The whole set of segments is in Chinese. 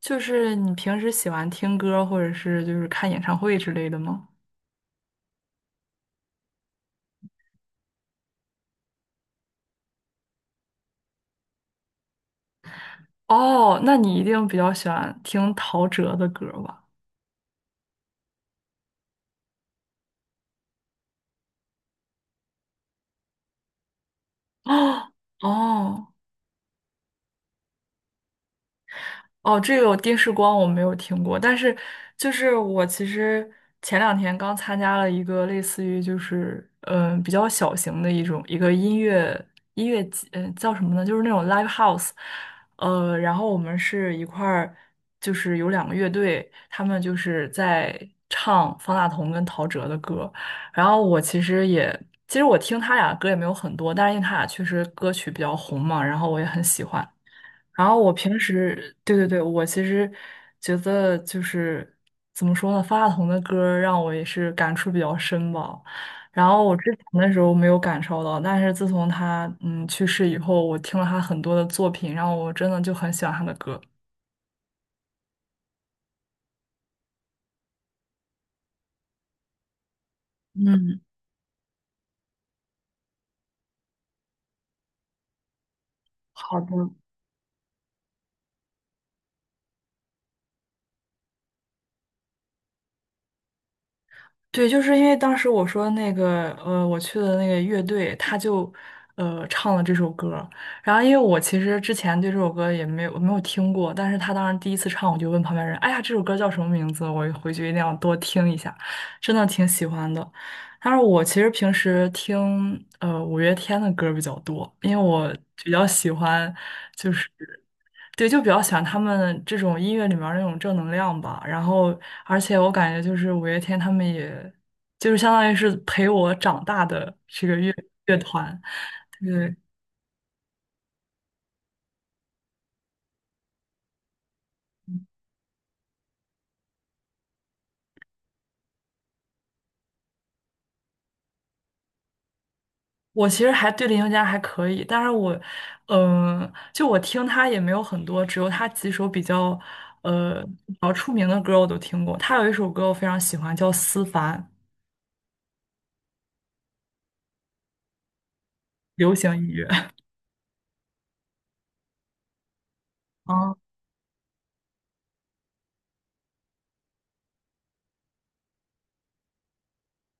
就是你平时喜欢听歌，或者是就是看演唱会之类的吗？哦，那你一定比较喜欢听陶喆的歌吧？哦哦，哦，这个电视光我没有听过，但是就是我其实前两天刚参加了一个类似于就是比较小型的一个音乐节，叫什么呢？就是那种 live house，然后我们是一块儿就是有两个乐队，他们就是在唱方大同跟陶喆的歌，然后我其实也。其实我听他俩歌也没有很多，但是因为他俩确实歌曲比较红嘛，然后我也很喜欢。然后我平时，对对对，我其实觉得就是怎么说呢，方大同的歌儿让我也是感触比较深吧。然后我之前的时候没有感受到，但是自从他去世以后，我听了他很多的作品，然后我真的就很喜欢他的歌。嗯，好的，对，就是因为当时我说那个，我去的那个乐队，他就，唱了这首歌儿然后，因为我其实之前对这首歌也没有听过，但是他当时第一次唱，我就问旁边人：“哎呀，这首歌叫什么名字？”我回去一定要多听一下，真的挺喜欢的。但是我其实平时听五月天的歌儿比较多，因为我比较喜欢就是。对，就比较喜欢他们这种音乐里面儿那种正能量吧。然后，而且我感觉就是五月天他们也，就是相当于是陪我长大的这个乐团。对，我其实还对林宥嘉还可以，但是我，就我听他也没有很多，只有他几首比较，比较出名的歌我都听过。他有一首歌我非常喜欢，叫《思凡》，流行音乐。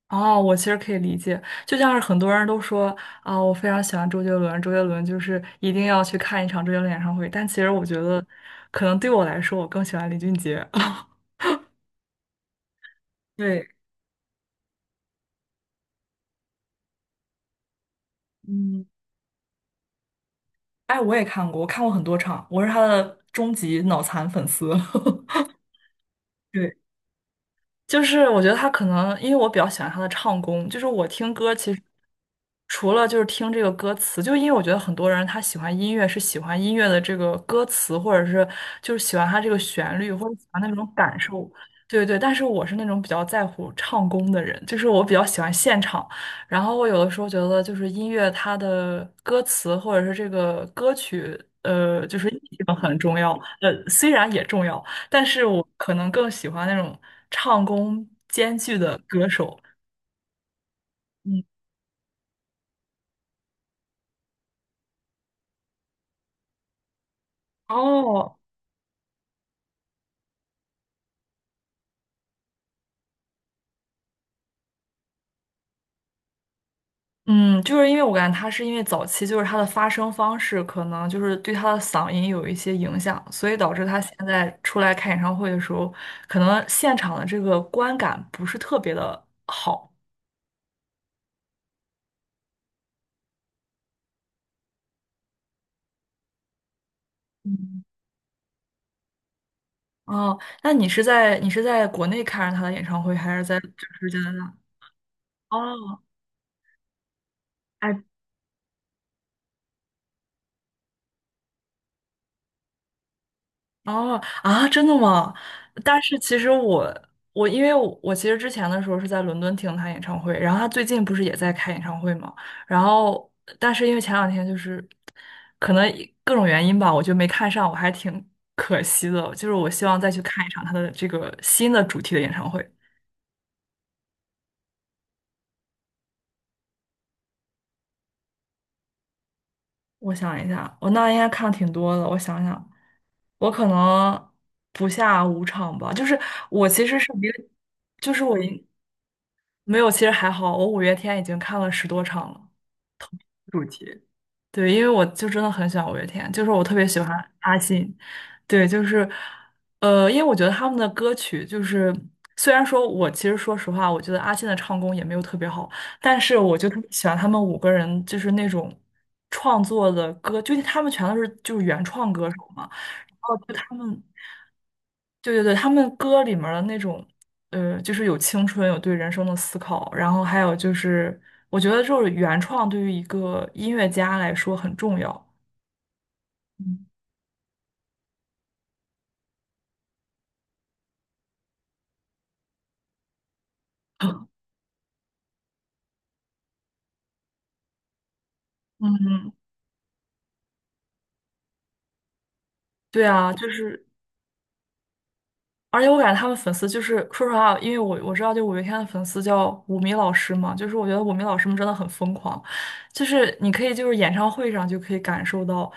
哦，我其实可以理解，就像是很多人都说啊，我非常喜欢周杰伦，周杰伦就是一定要去看一场周杰伦演唱会。但其实我觉得，可能对我来说，我更喜欢林俊杰。对，嗯，哎，我也看过，我看过很多场，我是他的终极脑残粉丝。对。就是我觉得他可能，因为我比较喜欢他的唱功，就是我听歌其实除了就是听这个歌词，就因为我觉得很多人他喜欢音乐是喜欢音乐的这个歌词，或者是就是喜欢他这个旋律，或者喜欢那种感受，对对。但是我是那种比较在乎唱功的人，就是我比较喜欢现场。然后我有的时候觉得就是音乐它的歌词或者是这个歌曲，就是意境很重要，虽然也重要。但是我可能更喜欢那种唱功兼具的歌手。嗯，哦，嗯，就是因为我感觉他是因为早期就是他的发声方式可能就是对他的嗓音有一些影响，所以导致他现在出来开演唱会的时候，可能现场的这个观感不是特别的好。嗯，哦，那你是在国内看着他的演唱会，还是在就是加拿大？哦，哎。哦啊，真的吗？但是其实我因为我其实之前的时候是在伦敦听他演唱会，然后他最近不是也在开演唱会嘛，然后但是因为前两天就是可能各种原因吧，我就没看上，我还挺可惜的。就是我希望再去看一场他的这个新的主题的演唱会。我想一下，我那应该看挺多的。我想想，我可能不下五场吧。就是我其实是一个就是我应没有，其实还好，我五月天已经看了10多场了。主题？对，因为我就真的很喜欢五月天，就是我特别喜欢阿信。对，就是，因为我觉得他们的歌曲就是，虽然说我其实说实话，我觉得阿信的唱功也没有特别好，但是我就特别喜欢他们五个人，就是那种创作的歌，就是他们全都是就是原创歌手嘛。然后就他们对对对，他们歌里面儿的那种，就是有青春，有对人生的思考，然后还有就是，我觉得就是原创对于一个音乐家来说很重要。嗯 嗯，对啊，就是而且我感觉他们粉丝就是说实话，因为我知道，就五月天的粉丝叫五迷老师嘛，就是我觉得五迷老师们真的很疯狂，就是你可以就是演唱会上就可以感受到，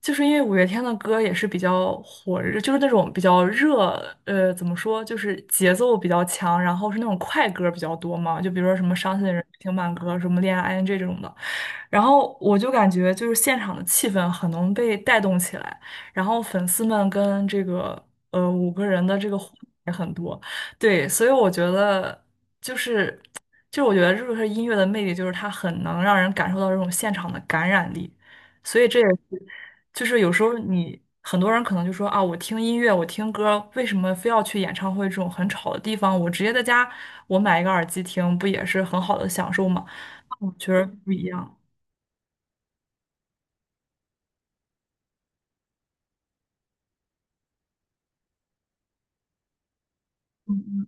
就是因为五月天的歌也是比较火热，就是那种比较热，怎么说，就是节奏比较强，然后是那种快歌比较多嘛，就比如说什么伤心的人听慢歌，什么恋爱 ING 这种的。然后我就感觉就是现场的气氛很能被带动起来，然后粉丝们跟这个五个人的这个互动也很多，对，所以我觉得就是就是我觉得这个是音乐的魅力，就是它很能让人感受到这种现场的感染力，所以这也是就是有时候你很多人可能就说啊，我听音乐，我听歌，为什么非要去演唱会这种很吵的地方？我直接在家我买一个耳机听，不也是很好的享受吗？我觉得不一样。嗯，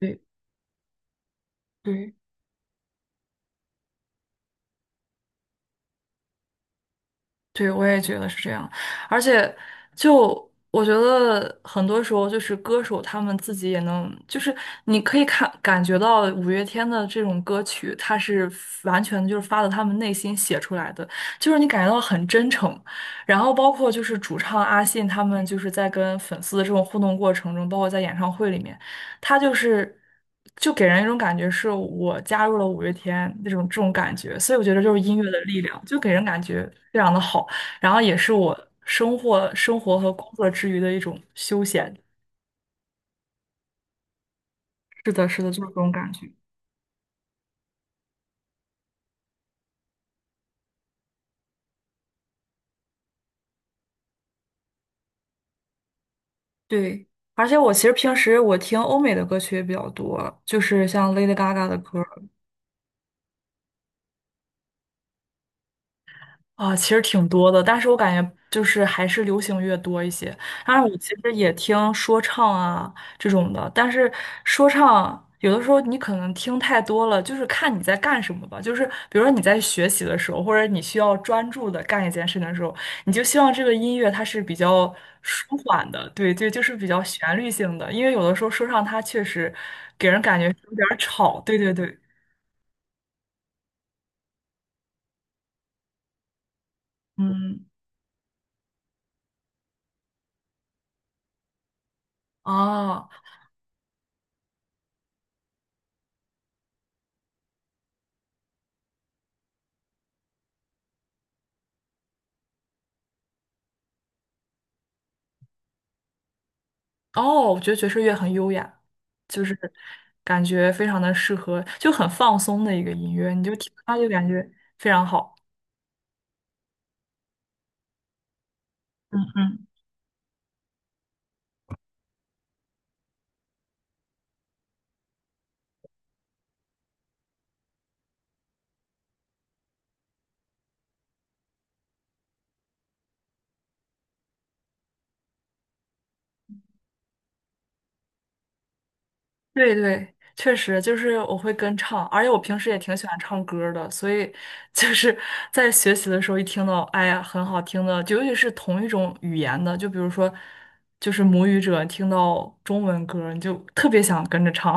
对对对，我也觉得是这样。而且，就我觉得很多时候，就是歌手他们自己也能，就是你可以看感觉到五月天的这种歌曲，它是完全就是发自他们内心写出来的，就是你感觉到很真诚。然后包括就是主唱阿信他们就是在跟粉丝的这种互动过程中，包括在演唱会里面。他就是就给人一种感觉是我加入了五月天那种这种感觉，所以我觉得就是音乐的力量，就给人感觉非常的好，然后也是我生活和工作之余的一种休闲。是的，是的，就是这种感觉。对，而且我其实平时我听欧美的歌曲也比较多，就是像 Lady Gaga 的歌，啊，其实挺多的，但是我感觉就是还是流行乐多一些。当然，我其实也听说唱啊这种的，但是说唱有的时候你可能听太多了，就是看你在干什么吧。就是比如说你在学习的时候，或者你需要专注的干一件事情的时候，你就希望这个音乐它是比较舒缓的，对对，就是比较旋律性的。因为有的时候说唱它确实给人感觉是有点儿吵，对对对，嗯，哦、哦，我觉得爵士乐很优雅，就是感觉非常的适合，就很放松的一个音乐，你就听它就感觉非常好。嗯嗯，对对，确实就是我会跟唱，而且我平时也挺喜欢唱歌儿的，所以就是在学习的时候一听到，哎呀，很好听的，就尤其是同一种语言的，就比如说就是母语者听到中文歌儿你就特别想跟着唱。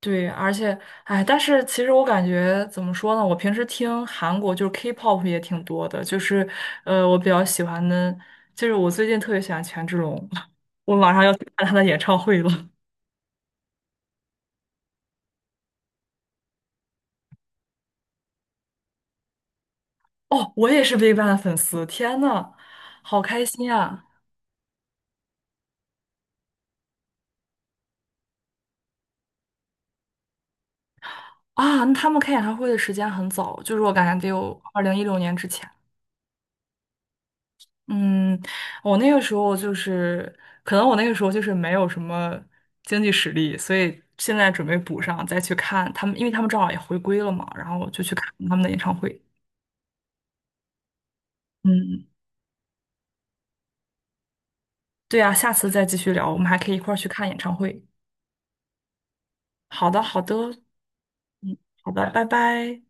对，而且，哎，但是其实我感觉怎么说呢？我平时听韩国就是 K-pop 也挺多的，就是我比较喜欢的，就是我最近特别喜欢权志龙，我马上要去看他的演唱会了。哦，我也是 V i 的粉丝，天呐，好开心啊！啊，那他们开演唱会的时间很早，就是我感觉得有2016年之前。嗯，我那个时候就是，可能我那个时候就是没有什么经济实力，所以现在准备补上，再去看他们，因为他们正好也回归了嘛，然后我就去看他们的演唱会。嗯，对啊，下次再继续聊，我们还可以一块儿去看演唱会。好的，好的，嗯，好的，拜拜。